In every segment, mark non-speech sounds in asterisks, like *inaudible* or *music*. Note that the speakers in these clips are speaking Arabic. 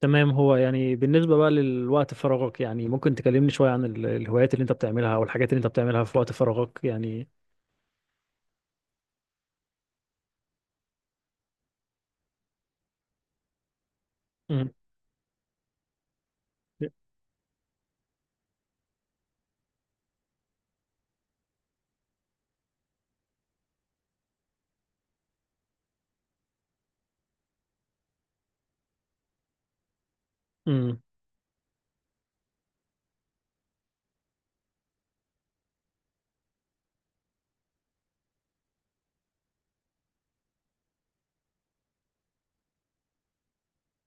تمام، هو يعني بالنسبة بقى للوقت فراغك يعني، ممكن تكلمني شوية عن الهوايات اللي انت بتعملها او الحاجات اللي انت بتعملها في وقت فراغك يعني. مم. مم.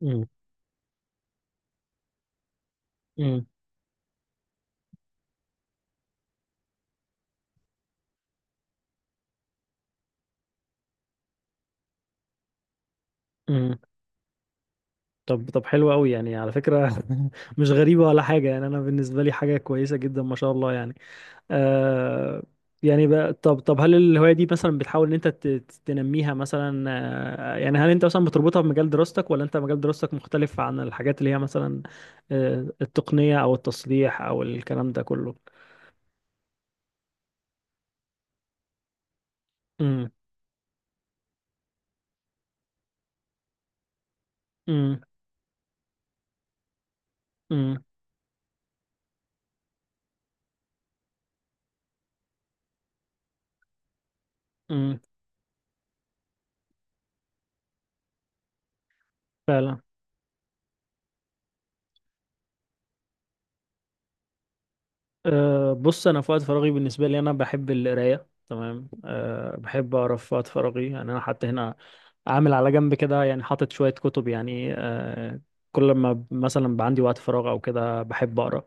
مم. مم. مم. طب حلو قوي يعني، على فكرة. *laughs* مش غريبة ولا حاجة يعني، انا بالنسبة لي حاجة كويسة جدا، ما شاء الله يعني. آه يعني بقى طب هل الهواية دي مثلا بتحاول ان انت تنميها مثلا؟ يعني هل انت مثلا بتربطها بمجال دراستك، ولا انت مجال دراستك مختلف عن الحاجات اللي هي مثلا التقنية او التصليح او الكلام ده كله؟ امم. امم. امم. أه، بص انا في وقت فراغي بالنسبه لي انا بحب القرايه. تمام. أه، بحب اقرا في وقت فراغي يعني. انا حتى هنا عامل على جنب كده يعني، حاطط شويه كتب يعني. كل ما مثلا بقى عندي وقت فراغ او كده بحب اقرا.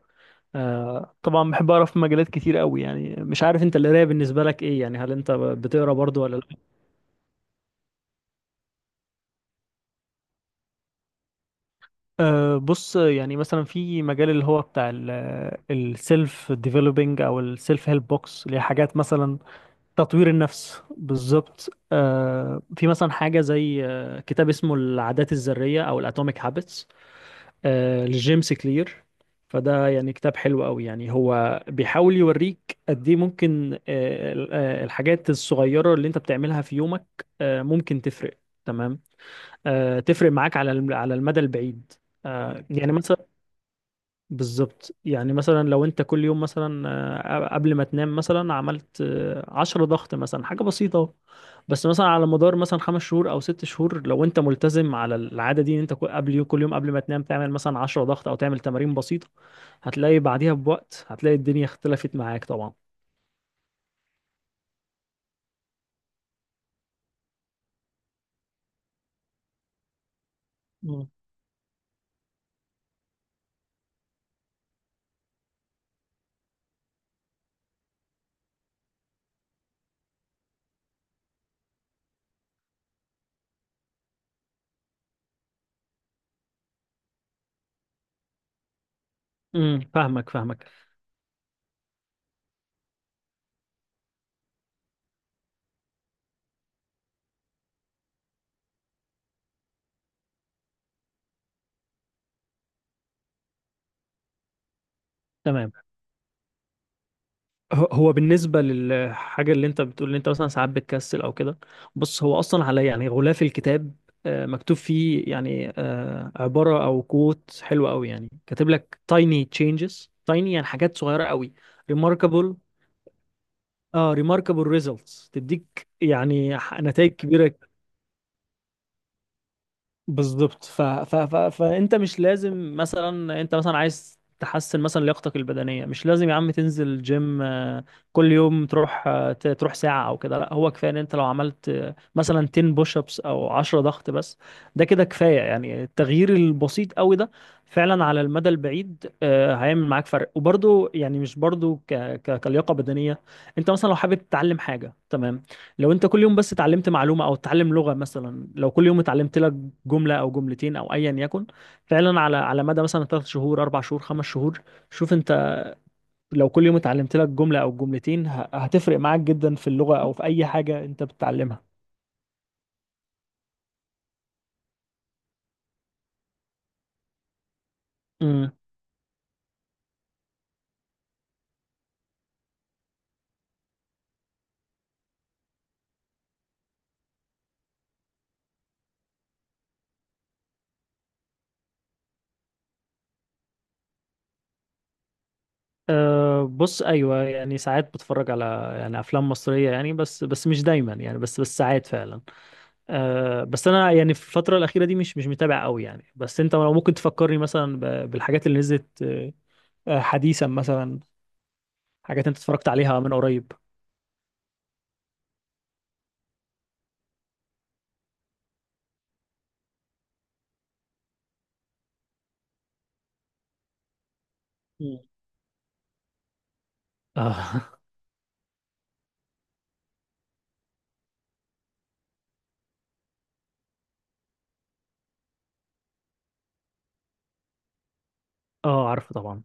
أه طبعا بحب اقرا في مجالات كتير قوي يعني. مش عارف انت، القرايه بالنسبه لك ايه يعني؟ هل انت بتقرا برضو ولا لا؟ أه، بص يعني مثلا في مجال اللي هو بتاع السيلف ديفلوبينج او السيلف هيلب بوكس، اللي هي حاجات مثلا تطوير النفس، بالظبط. في مثلا حاجة زي كتاب اسمه العادات الذرية أو الأتوميك هابتس، لجيمس كلير. فده يعني كتاب حلو قوي يعني. هو بيحاول يوريك قد ايه ممكن الحاجات الصغيرة اللي انت بتعملها في يومك ممكن تفرق. تمام. تفرق معاك على على المدى البعيد. يعني مثلا، بالظبط يعني، مثلا لو انت كل يوم مثلا قبل ما تنام مثلا عملت 10 ضغط مثلا، حاجة بسيطة اهو. بس مثلا على مدار مثلا 5 شهور او 6 شهور، لو انت ملتزم على العادة دي، ان انت قبل يوم كل يوم قبل ما تنام تعمل مثلا 10 ضغط، او تعمل تمارين بسيطة، هتلاقي بعديها بوقت، هتلاقي الدنيا اختلفت معاك طبعا. مم. امم. فاهمك فاهمك. تمام. هو بالنسبة للحاجة اللي انت بتقول ان انت مثلا ساعات بتكسل او كده، بص هو اصلا على يعني غلاف الكتاب مكتوب فيه يعني عبارة او كوت حلوة قوي يعني، كاتب لك tiny changes tiny يعني، حاجات صغيرة قوي. Remarkable. اه، remarkable results، تديك يعني نتائج كبيرة. بالظبط. فانت مش لازم مثلا، انت مثلا عايز تحسن مثلا لياقتك البدنيه، مش لازم يا عم تنزل جيم كل يوم تروح تروح ساعه او كده. لا، هو كفايه ان انت لو عملت مثلا 10 بوش ابس او 10 ضغط بس، ده كده كفايه يعني. التغيير البسيط قوي ده فعلا على المدى البعيد هيعمل معاك فرق، وبرده يعني، مش برده كلياقه بدنيه. انت مثلا لو حابب تتعلم حاجه، تمام، لو انت كل يوم بس اتعلمت معلومة، او اتعلم لغة مثلا، لو كل يوم اتعلمت لك جملة او جملتين او ايا يكن، فعلا على مدى مثلا 3 شهور، 4 شهور، 5 شهور، شوف انت، لو كل يوم اتعلمت لك جملة او جملتين هتفرق معاك جدا في اللغة او في اي حاجة انت بتتعلمها. امم. أه، بص ايوه يعني، ساعات بتفرج على يعني افلام مصريه يعني، بس مش دايما يعني، بس ساعات فعلا. أه، بس انا يعني في الفتره الاخيره دي مش متابع قوي يعني. بس انت لو ممكن تفكرني مثلا بالحاجات اللي نزلت حديثا مثلا، حاجات انت اتفرجت عليها من قريب. مم. اه. *laughs* اه، عارفه طبعا.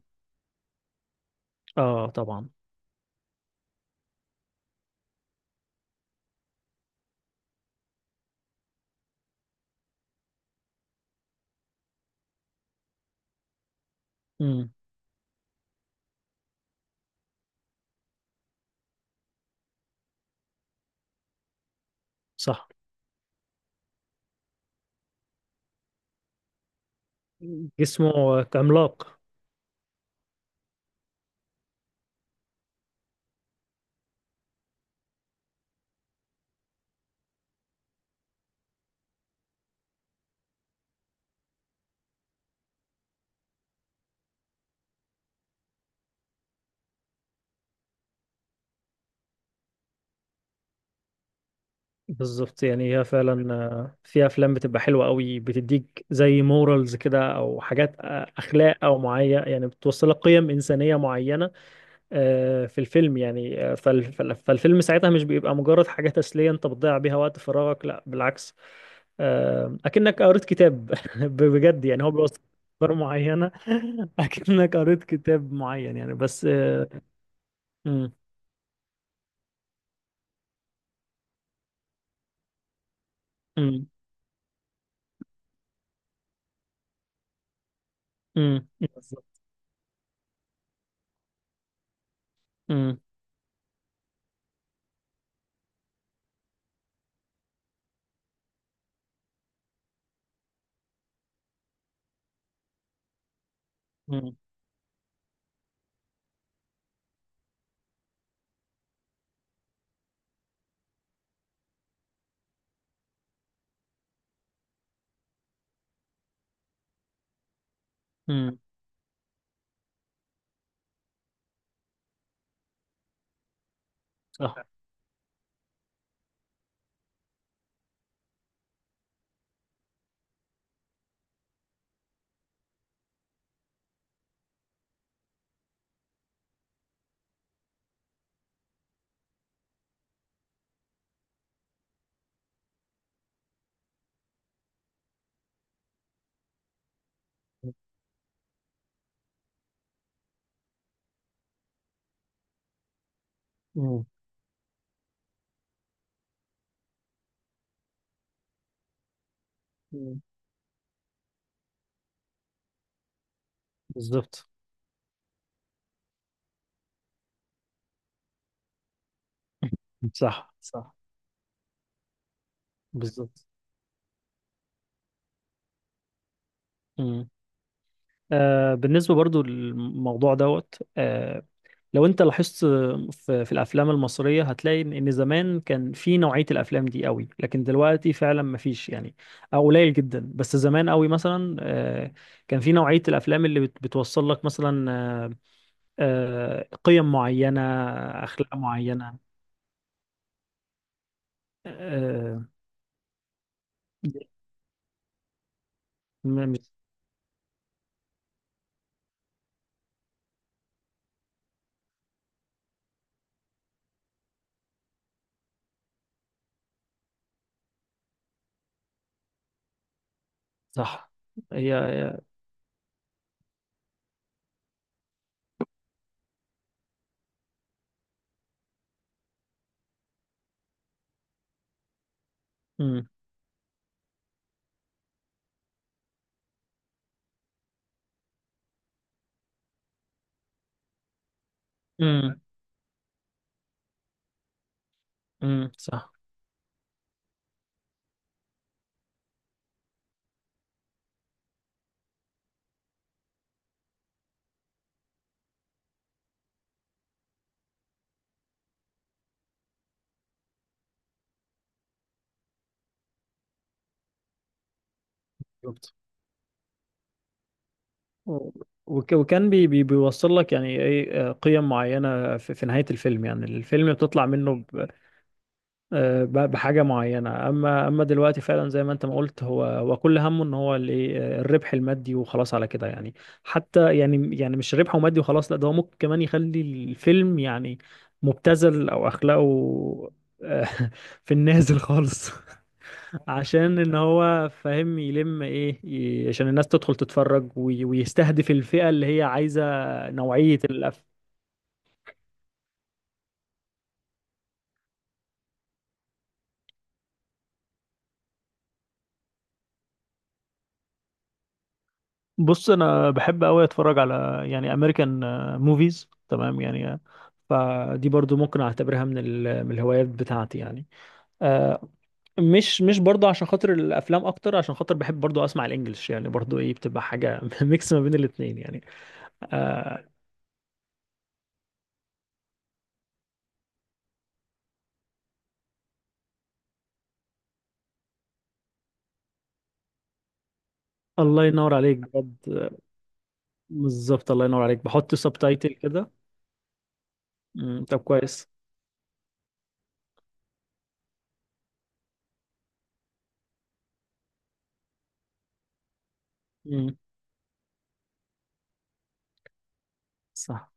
اه طبعا. امم. صح. جسمه عملاق. بالظبط يعني، هي فعلا في افلام بتبقى حلوه قوي، بتديك زي مورالز كده او حاجات اخلاق او معين يعني، بتوصل لك قيم انسانيه معينه في الفيلم يعني. فالفيلم ساعتها مش بيبقى مجرد حاجه تسليه انت بتضيع بيها وقت فراغك، لا بالعكس. اكنك قريت كتاب. *laughs* بجد يعني، هو بيوصف افكار معينه. *laughs* اكنك قريت كتاب معين يعني، بس مم. مم. مم. بالظبط. مم. مم. مم. صح. مم. مم. بالظبط. صح صح. بالظبط. مم. بالنسبه برضو للموضوع دوت لو انت لاحظت في الافلام المصريه، هتلاقي ان زمان كان في نوعيه الافلام دي قوي، لكن دلوقتي فعلا ما فيش يعني، او قليل جدا. بس زمان قوي مثلا كان في نوعيه الافلام اللي بتوصل لك مثلا قيم معينه، اخلاق معينه آه، م- مش- صح. هي هي- مم. مم. مم. صح. وكان بي بيوصل لك يعني ايه قيم معينه في نهايه الفيلم يعني، الفيلم بتطلع منه بحاجه معينه. اما دلوقتي فعلا، زي ما انت ما قلت، هو كل همه ان هو ال- إيه، الربح المادي وخلاص على كده يعني. حتى يعني، مش ربحه مادي وخلاص، لا، ده هو ممكن كمان يخلي الفيلم يعني مبتذل او اخلاقه آه، *laughs* في النازل خالص، عشان ان هو فاهم يلم ايه عشان الناس تدخل تتفرج ويستهدف الفئة اللي هي عايزة نوعية الأف. بص انا بحب قوي اتفرج على يعني امريكان موفيز، تمام يعني. فدي برضو ممكن اعتبرها من من الهوايات بتاعتي يعني، آه. مش برضو عشان خاطر الافلام اكتر، عشان خاطر بحب برضو اسمع الانجليش يعني، برضو ايه، بتبقى حاجه *laughs* ميكس ما بين الاتنين يعني. آه الله ينور عليك بجد. بالظبط، الله ينور عليك بحط سبتايتل كده. مم. طب كويس. مم. صح.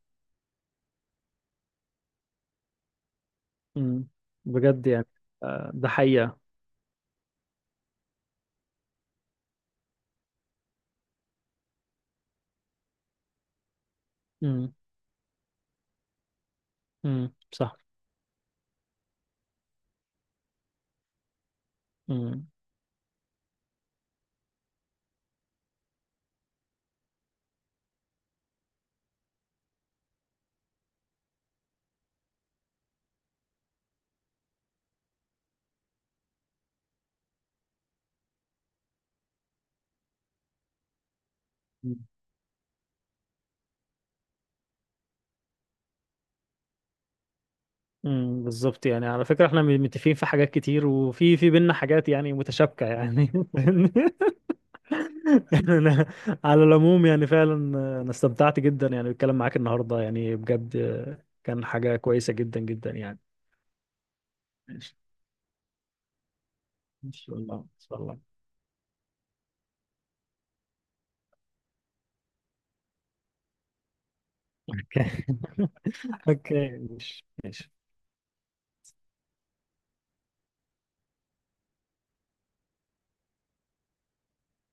مم. بجد يعني ده حقيقة. مم. مم. صح. مم. مم. مم. بالظبط يعني، على فكرة احنا متفقين في حاجات كتير، وفي بينا حاجات يعني متشابكة يعني، *laughs* فاهمني؟ أنا على العموم يعني، فعلا انا استمتعت جدا يعني بالكلام معاك النهاردة يعني، بجد كان حاجة كويسة جدا جدا يعني. ماشي. ان شاء الله، ان شاء الله. *laughs* اوكي، ماشي ماشي.